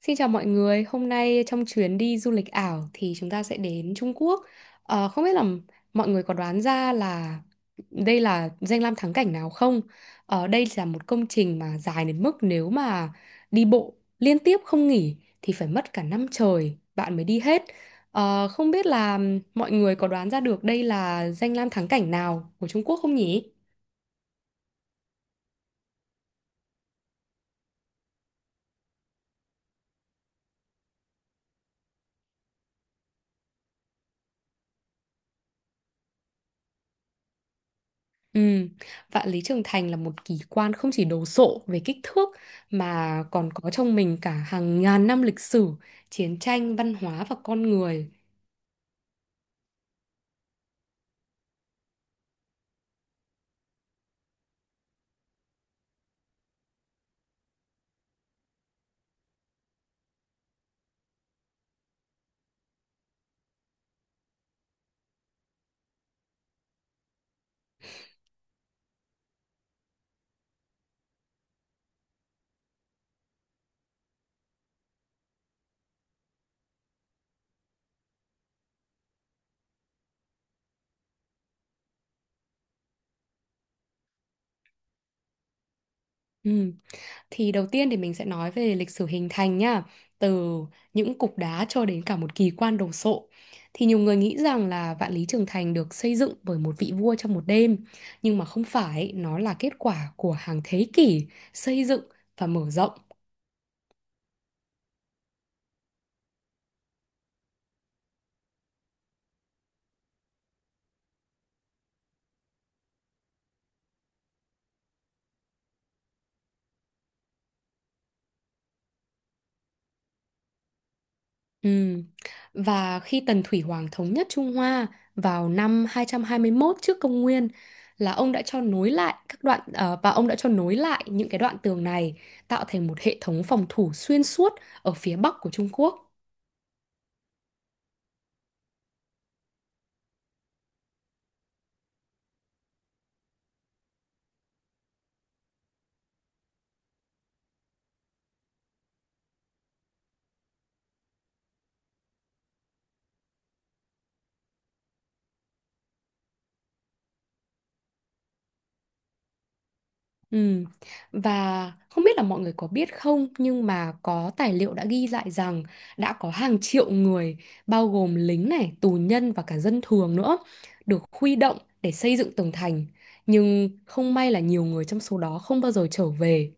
Xin chào mọi người, hôm nay trong chuyến đi du lịch ảo thì chúng ta sẽ đến Trung Quốc. Không biết là mọi người có đoán ra là đây là danh lam thắng cảnh nào không? Đây là một công trình mà dài đến mức nếu mà đi bộ liên tiếp không nghỉ thì phải mất cả năm trời bạn mới đi hết. Không biết là mọi người có đoán ra được đây là danh lam thắng cảnh nào của Trung Quốc không nhỉ? Ừ, vạn lý trường thành là một kỳ quan không chỉ đồ sộ về kích thước mà còn có trong mình cả hàng ngàn năm lịch sử, chiến tranh, văn hóa và con người. Ừ. Thì đầu tiên thì mình sẽ nói về lịch sử hình thành nhá, từ những cục đá cho đến cả một kỳ quan đồ sộ. Thì nhiều người nghĩ rằng là Vạn Lý Trường Thành được xây dựng bởi một vị vua trong một đêm, nhưng mà không phải, nó là kết quả của hàng thế kỷ xây dựng và mở rộng. Ừ. Và khi Tần Thủy Hoàng thống nhất Trung Hoa vào năm 221 trước công nguyên là ông đã cho nối lại các đoạn ờ, và ông đã cho nối lại những cái đoạn tường này tạo thành một hệ thống phòng thủ xuyên suốt ở phía bắc của Trung Quốc. Ừ. Và không biết là mọi người có biết không nhưng mà có tài liệu đã ghi lại rằng đã có hàng triệu người bao gồm lính này, tù nhân và cả dân thường nữa được huy động để xây dựng tường thành nhưng không may là nhiều người trong số đó không bao giờ trở về.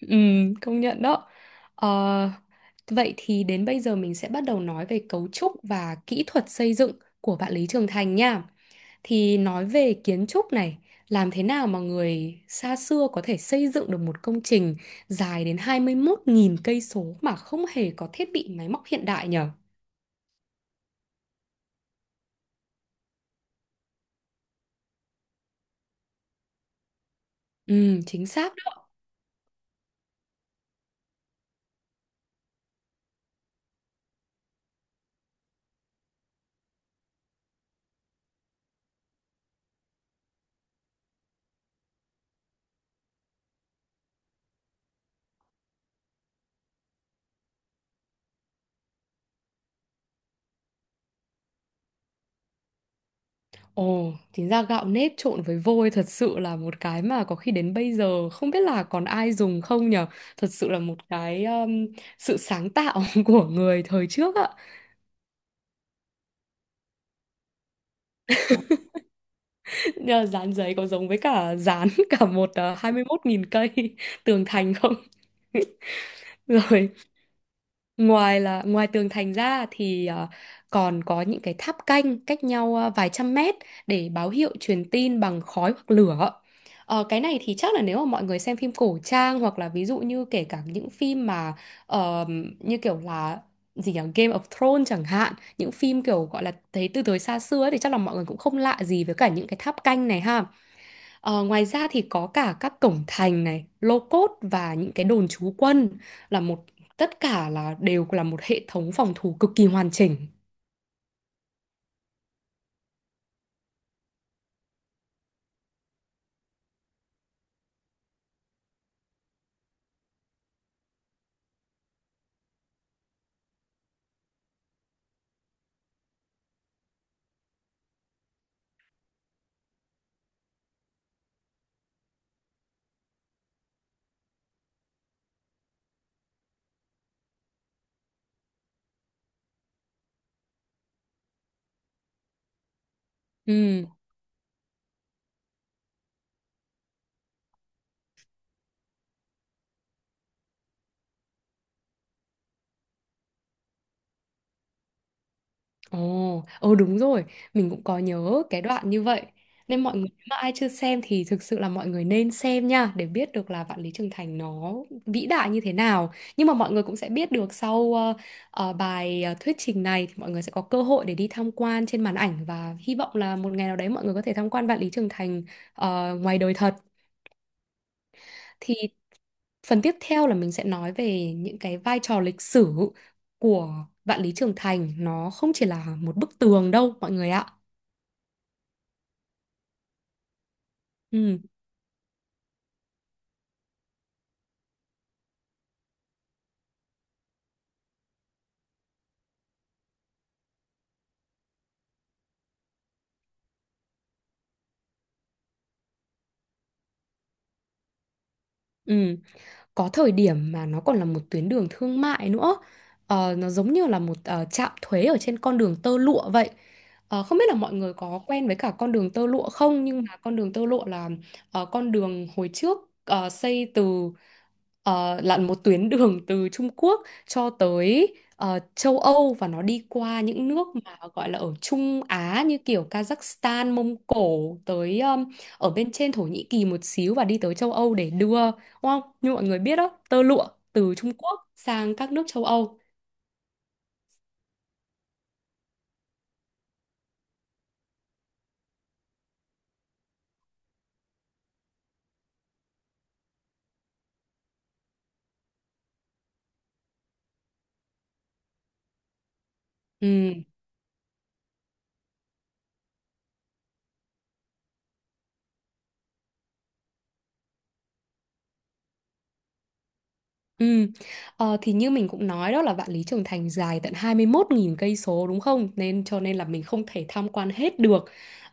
Ừ, công nhận đó. Ờ, Vậy thì đến bây giờ mình sẽ bắt đầu nói về cấu trúc và kỹ thuật xây dựng của bạn Lý Trường Thành nha. Thì nói về kiến trúc này, làm thế nào mà người xa xưa có thể xây dựng được một công trình dài đến 21 nghìn cây số mà không hề có thiết bị máy móc hiện đại nhở? Ừ, chính xác. Ồ, chính ra gạo nếp trộn với vôi thật sự là một cái mà có khi đến bây giờ không biết là còn ai dùng không nhở. Thật sự là một cái sự sáng tạo của người thời trước ạ. Nhưng mà dán giấy có giống với cả dán cả một hai mươi 21 nghìn cây tường thành không? Rồi, ngoài tường thành ra thì còn có những cái tháp canh cách nhau vài trăm mét để báo hiệu truyền tin bằng khói hoặc lửa. Ờ, cái này thì chắc là nếu mà mọi người xem phim cổ trang hoặc là ví dụ như kể cả những phim mà ờ, như kiểu là gì nhỉ, Game of Thrones chẳng hạn, những phim kiểu gọi là thấy từ thời xa xưa ấy, thì chắc là mọi người cũng không lạ gì với cả những cái tháp canh này ha. Ngoài ra thì có cả các cổng thành này, lô cốt và những cái đồn trú quân là một tất cả là đều là một hệ thống phòng thủ cực kỳ hoàn chỉnh. Ừ. Ồ, ừ đúng rồi, mình cũng có nhớ cái đoạn như vậy. Nên mọi người nếu mà ai chưa xem thì thực sự là mọi người nên xem nha để biết được là Vạn Lý Trường Thành nó vĩ đại như thế nào. Nhưng mà mọi người cũng sẽ biết được sau thuyết trình này thì mọi người sẽ có cơ hội để đi tham quan trên màn ảnh và hy vọng là một ngày nào đấy mọi người có thể tham quan Vạn Lý Trường Thành ngoài đời thật. Thì phần tiếp theo là mình sẽ nói về những cái vai trò lịch sử của Vạn Lý Trường Thành. Nó không chỉ là một bức tường đâu mọi người ạ. Ừ. Ừ. Có thời điểm mà nó còn là một tuyến đường thương mại nữa. Nó giống như là một trạm thuế ở trên con đường tơ lụa vậy. Không biết là mọi người có quen với cả con đường tơ lụa không, nhưng mà con đường tơ lụa là con đường hồi trước ờ, xây từ là một tuyến đường từ Trung Quốc cho tới châu Âu và nó đi qua những nước mà gọi là ở Trung Á như kiểu Kazakhstan, Mông Cổ tới ở bên trên Thổ Nhĩ Kỳ một xíu và đi tới châu Âu để đưa, đúng không? Như mọi người biết đó, tơ lụa từ Trung Quốc sang các nước châu Âu. Ừ. Ừ. Thì như mình cũng nói đó là Vạn Lý Trường Thành dài tận 21 nghìn cây số đúng không? Nên cho nên là mình không thể tham quan hết được.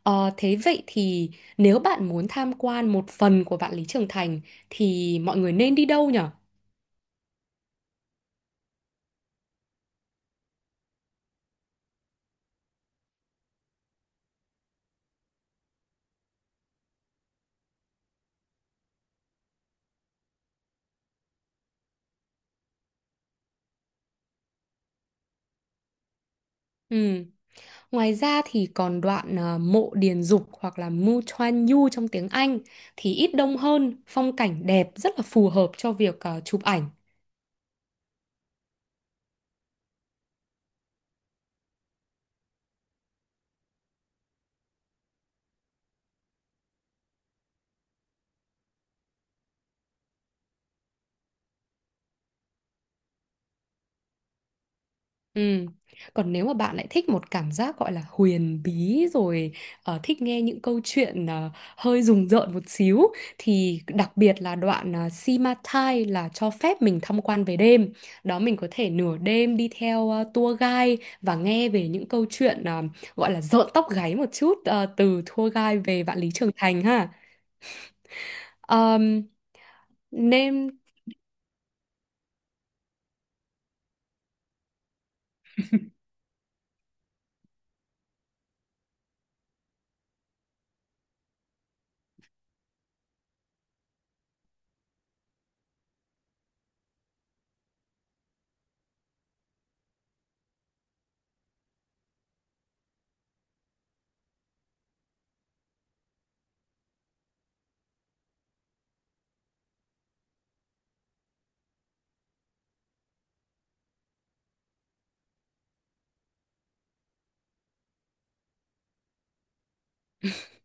Thế vậy thì nếu bạn muốn tham quan một phần của Vạn Lý Trường Thành thì mọi người nên đi đâu nhở? Ừ. Ngoài ra thì còn đoạn mộ Điền Dục hoặc là Mu Chuan Yu trong tiếng Anh thì ít đông hơn, phong cảnh đẹp rất là phù hợp cho việc chụp ảnh. Ừ. Còn nếu mà bạn lại thích một cảm giác gọi là huyền bí rồi thích nghe những câu chuyện hơi rùng rợn một xíu thì đặc biệt là đoạn Simacai là cho phép mình tham quan về đêm. Đó, mình có thể nửa đêm đi theo tour guide và nghe về những câu chuyện gọi là rợn tóc gáy một chút từ tour guide về Vạn Lý Trường Thành ha. Ờm, nên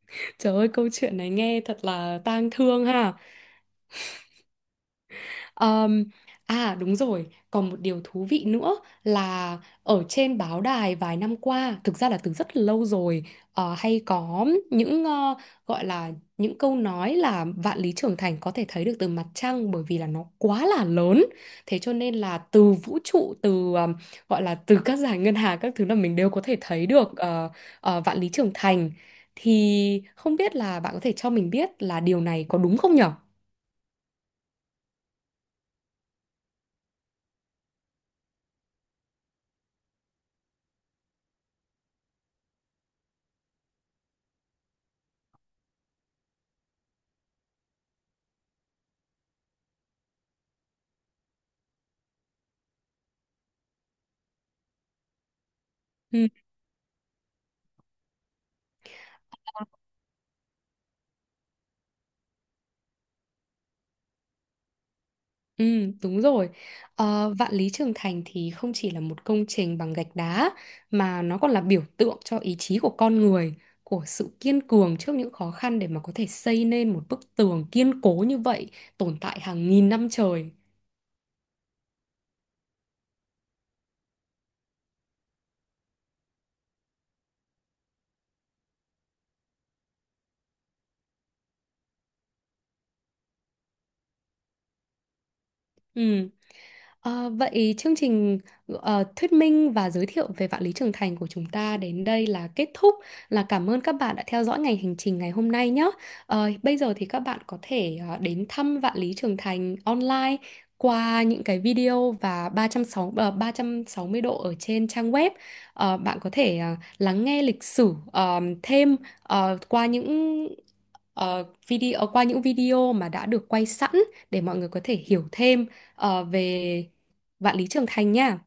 trời ơi câu chuyện này nghe thật là tang thương ha. Ờm, À đúng rồi, còn một điều thú vị nữa là ở trên báo đài vài năm qua, thực ra là từ rất lâu rồi, hay có những ờ, gọi là những câu nói là vạn lý trường thành có thể thấy được từ mặt trăng bởi vì là nó quá là lớn. Thế cho nên là từ vũ trụ, từ gọi là từ các dải ngân hà các thứ là mình đều có thể thấy được vạn lý trường thành. Thì không biết là bạn có thể cho mình biết là điều này có đúng không nhở? Ừ, đúng rồi. Vạn Lý Trường Thành thì không chỉ là một công trình bằng gạch đá mà nó còn là biểu tượng cho ý chí của con người, của sự kiên cường trước những khó khăn để mà có thể xây nên một bức tường kiên cố như vậy, tồn tại hàng nghìn năm trời. Ừ. Vậy chương trình thuyết minh và giới thiệu về Vạn Lý Trường Thành của chúng ta đến đây là kết thúc. Là cảm ơn các bạn đã theo dõi ngành hành trình ngày hôm nay nhé. Bây giờ thì các bạn có thể đến thăm Vạn Lý Trường Thành online qua những cái video và ba 360, 360 độ ở trên trang web. Bạn có thể lắng nghe lịch sử thêm ờ, qua những qua những video mà đã được quay sẵn để mọi người có thể hiểu thêm về Vạn Lý Trường Thành nha.